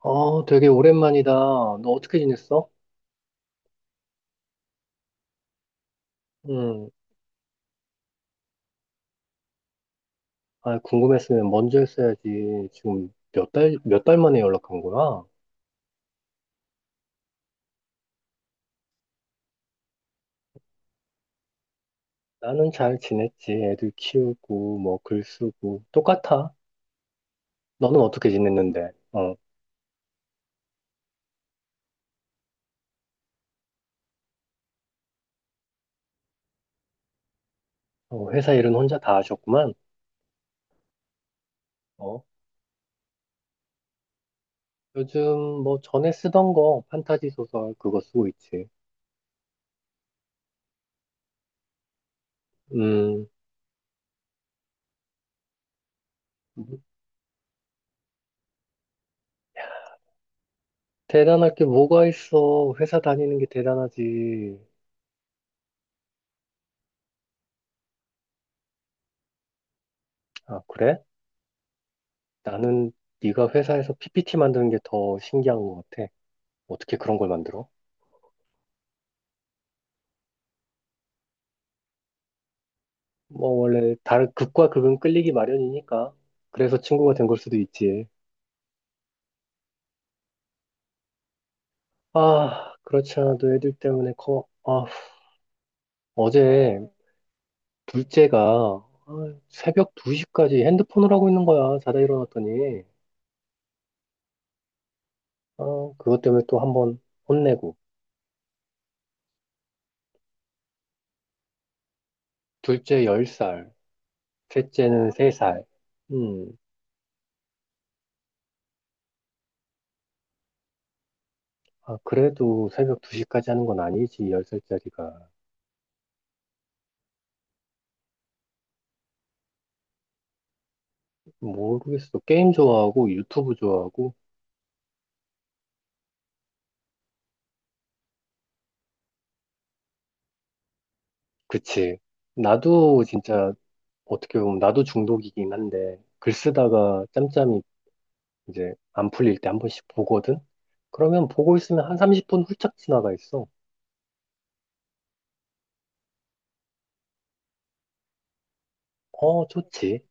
어, 되게 오랜만이다. 너 어떻게 지냈어? 응. 아, 궁금했으면 먼저 했어야지. 지금 몇 달 만에 연락한 거야? 나는 잘 지냈지. 애들 키우고, 뭐, 글 쓰고. 똑같아. 너는 어떻게 지냈는데? 어, 회사 일은 혼자 다 하셨구만. 어, 요즘 뭐 전에 쓰던 거, 판타지 소설 그거 쓰고 있지. 음, 대단할 게 뭐가 있어. 회사 다니는 게 대단하지. 아, 그래? 나는 네가 회사에서 PPT 만드는 게 더 신기한 것 같아. 어떻게 그런 걸 만들어? 뭐 원래 다른 극과 극은 끌리기 마련이니까 그래서 친구가 된 걸 수도 있지. 아, 그렇지 않아도 애들 때문에 커. 아, 어제 둘째가 아, 새벽 2시까지 핸드폰을 하고 있는 거야. 자다 일어났더니. 아, 그것 때문에 또 한 번 혼내고. 둘째 10살, 셋째는 3살. 음. 아, 그래도 새벽 2시까지 하는 건 아니지, 10살짜리가. 모르겠어. 게임 좋아하고 유튜브 좋아하고. 그치. 나도 진짜 어떻게 보면 나도 중독이긴 한데 글 쓰다가 짬짬이 이제 안 풀릴 때 한 번씩 보거든? 그러면 보고 있으면 한 30분 훌쩍 지나가 있어. 어, 좋지.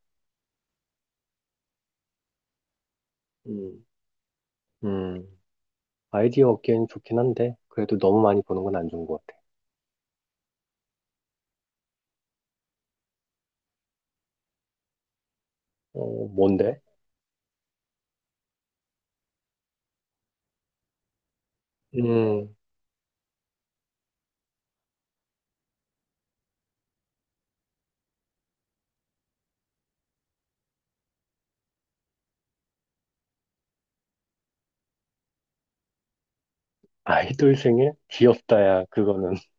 음, 음. 아이디어 얻기엔 좋긴 한데 그래도 너무 많이 보는 건 안 좋은 것 같아. 어, 뭔데? 음, 아이돌 생일? 귀엽다야, 그거는.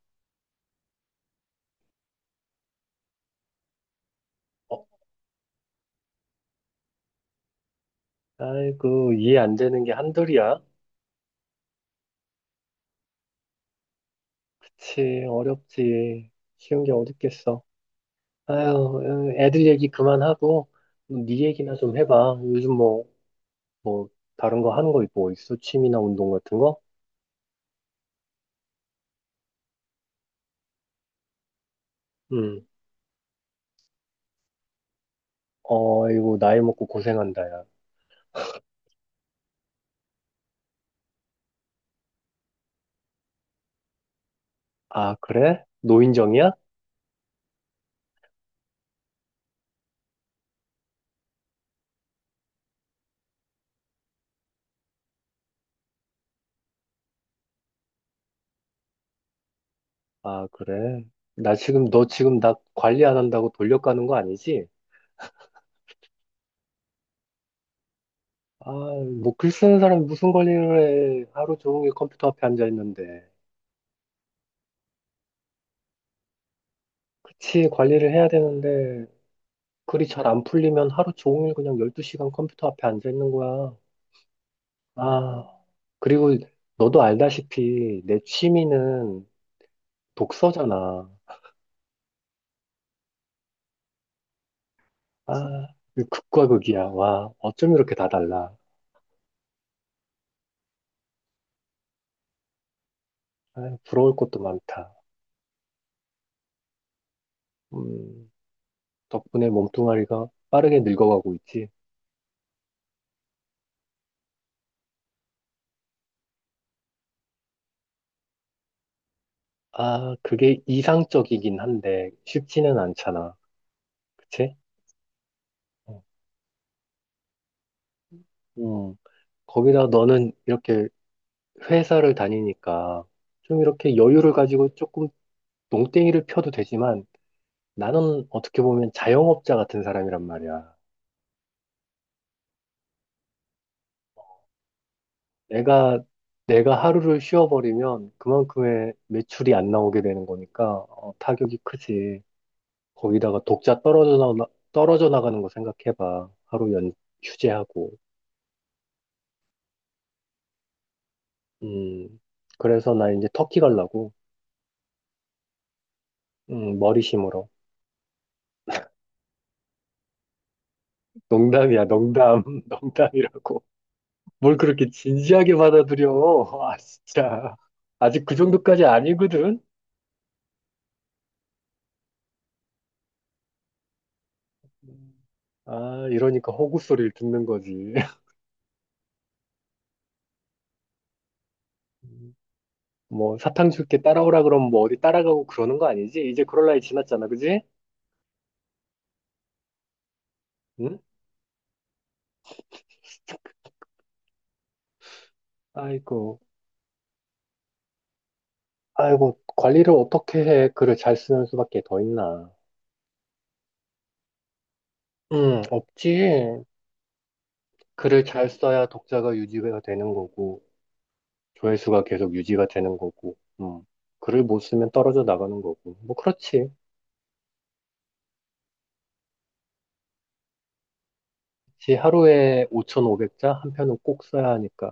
어, 아이고, 이해 안 되는 게 한둘이야. 그치, 어렵지. 쉬운 게 어딨겠어. 아유, 애들 얘기 그만하고, 뭐 네 얘기나 좀 해봐. 요즘 뭐, 뭐, 다른 거 하는 거 뭐 있어? 취미나 운동 같은 거? 응. 어, 이거 나이 먹고 고생한다, 야. 아, 그래? 노인정이야? 아, 그래. 나 지금, 너 지금 나 관리 안 한다고 돌려가는 거 아니지? 아, 뭐, 글 쓰는 사람이 무슨 관리를 해. 하루 종일 컴퓨터 앞에 앉아 있는데. 그치, 관리를 해야 되는데. 글이 잘 안 풀리면 하루 종일 그냥 12시간 컴퓨터 앞에 앉아 있는 거야. 아, 그리고 너도 알다시피 내 취미는 독서잖아. 아, 이 극과 극이야. 와, 어쩜 이렇게 다 달라. 아, 부러울 것도 많다. 음, 덕분에 몸뚱아리가 빠르게 늙어가고 있지. 아, 그게 이상적이긴 한데 쉽지는 않잖아. 그치? 어, 음, 거기다 너는 이렇게 회사를 다니니까 좀 이렇게 여유를 가지고 조금 농땡이를 펴도 되지만 나는 어떻게 보면 자영업자 같은 사람이란 말이야. 내가, 내가 하루를 쉬어버리면 그만큼의 매출이 안 나오게 되는 거니까 어, 타격이 크지. 거기다가 독자 떨어져 나가는 거 생각해봐. 하루 휴재하고. 음, 그래서 나 이제 터키 가려고. 머리 심으러. 농담이야, 농담, 농담이라고. 뭘 그렇게 진지하게 받아들여. 아, 진짜. 아직 그 정도까지 아니거든? 아, 이러니까 호구 소리를 듣는 거지. 음. 뭐, 사탕 줄게 따라오라 그러면 뭐 어디 따라가고 그러는 거 아니지? 이제 그럴 나이 지났잖아, 그지? 응? 아이고, 아이고, 관리를 어떻게 해? 글을 잘 쓰는 수밖에 더 있나? 없지. 글을 잘 써야 독자가 유지가 되는 거고, 조회수가 계속 유지가 되는 거고, 글을 못 쓰면 떨어져 나가는 거고. 뭐, 그렇지. 지 하루에 5,500자 한 편은 꼭 써야 하니까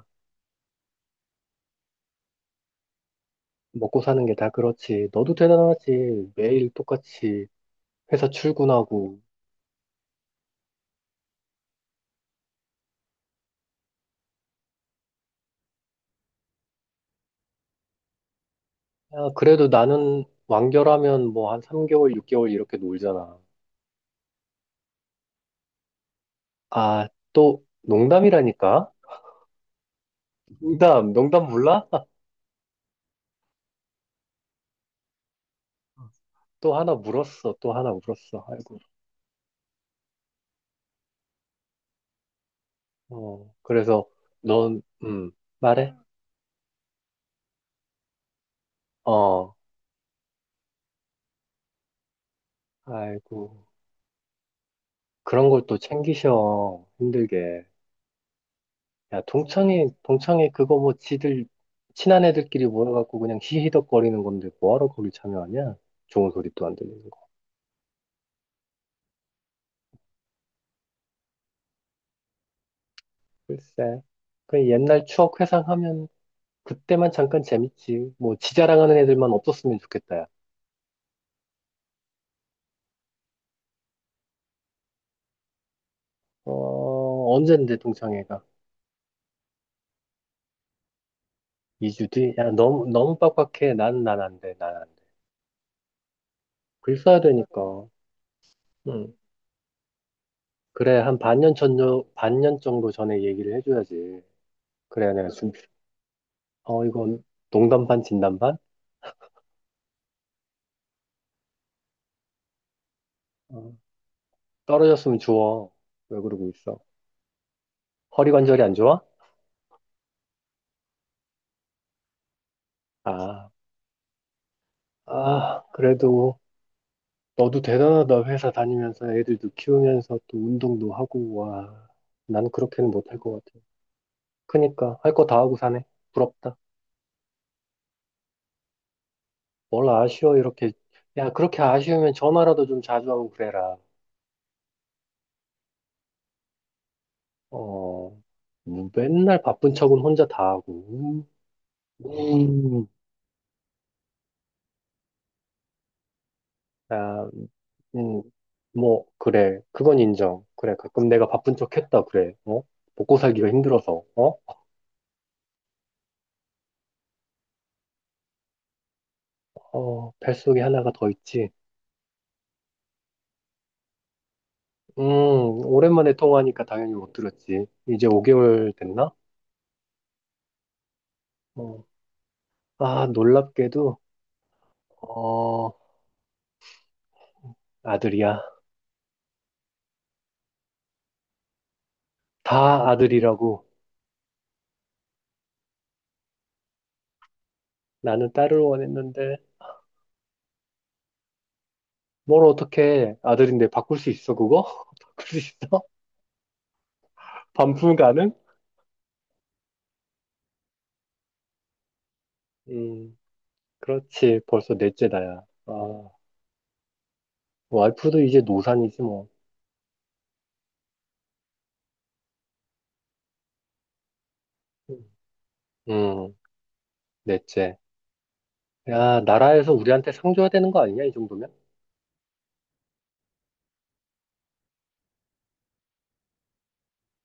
먹고 사는 게 다 그렇지. 너도 대단하지. 매일 똑같이 회사 출근하고. 야, 그래도 나는 완결하면 뭐 한 3개월, 6개월 이렇게 놀잖아. 아, 또 농담이라니까? 농담, 농담 몰라? 또 하나 물었어. 또 하나 물었어. 아이고. 어, 그래서 넌, 말해? 어, 아이고. 그런 걸 또 챙기셔. 힘들게. 야, 동창회, 동창회 그거 뭐 지들, 친한 애들끼리 모여갖고 그냥 히히덕거리는 건데 뭐하러 거기 참여하냐? 좋은 소리도 안 들리는 거. 글쎄. 그 옛날 추억 회상하면 그때만 잠깐 재밌지. 뭐 지 자랑하는 애들만 없었으면 좋겠다, 야. 어, 언젠데 동창회가? 2주 뒤? 야, 너무, 너무 빡빡해. 난 안 돼. 난 안 돼. 글 써야 되니까. 응. 그래, 반년 정도 전에 얘기를 해줘야지. 그래야 내가 준비, 어, 이건 농담 반, 진담 반? 떨어졌으면 주워. 왜 그러고 있어? 허리 관절이 안 좋아? 아, 아, 그래도 너도 대단하다. 회사 다니면서 애들도 키우면서 또 운동도 하고, 와. 난 그렇게는 못 할 것 같아. 그니까, 할 거 다 하고 사네. 부럽다. 뭘 아쉬워, 이렇게. 야, 그렇게 아쉬우면 전화라도 좀 자주 하고 그래라. 어, 뭐 맨날 바쁜 척은 혼자 다 하고. 음. 아, 음, 뭐, 그래. 그건 인정. 그래. 가끔 내가 바쁜 척 했다. 그래. 어? 먹고 살기가 힘들어서. 어? 어, 뱃속에 하나가 더 있지. 음, 오랜만에 통화하니까 당연히 못 들었지. 이제 5개월 됐나? 어. 아, 놀랍게도, 어, 아들이야. 다 아들이라고. 나는 딸을 원했는데, 뭘 어떻게 아들인데 바꿀 수 있어, 그거? 바꿀 수 있어? 반품 가능? 음, 그렇지. 벌써 넷째 다야. 아. 와이프도 이제 노산이지 뭐. 음, 넷째. 야, 나라에서 우리한테 상 줘야 되는 거 아니냐, 이 정도면?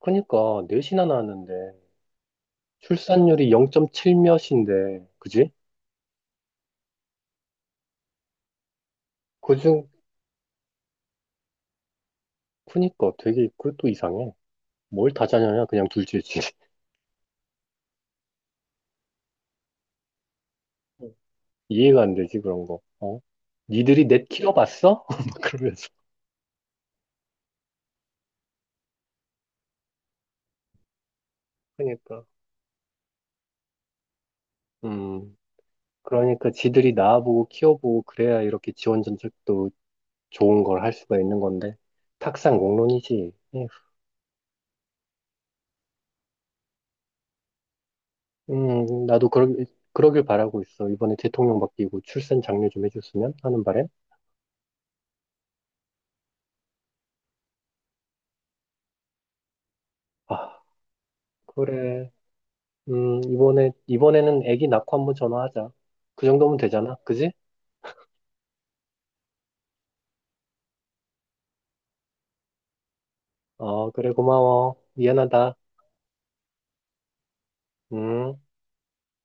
그니까, 넷이나 낳았는데, 출산율이 0.7몇인데, 그지? 그중, 그니까 되게, 그것도 이상해. 뭘 다자냐냐, 그냥 둘째지. 이해가 안 되지, 그런 거. 어? 니들이 넷 키워봤어? 막 그러면서. 그니까, 음, 그러니까 지들이 낳아보고 키워보고, 그래야 이렇게 지원 정책도 좋은 걸 할 수가 있는 건데, 탁상공론이지. 음, 나도 그러, 그러길 바라고 있어. 이번에 대통령 바뀌고 출산 장려 좀 해줬으면 하는 바람. 아, 그래. 이번에는 애기 낳고 한번 전화하자. 그 정도면 되잖아. 그지? 어, 그래, 고마워. 미안하다. 음.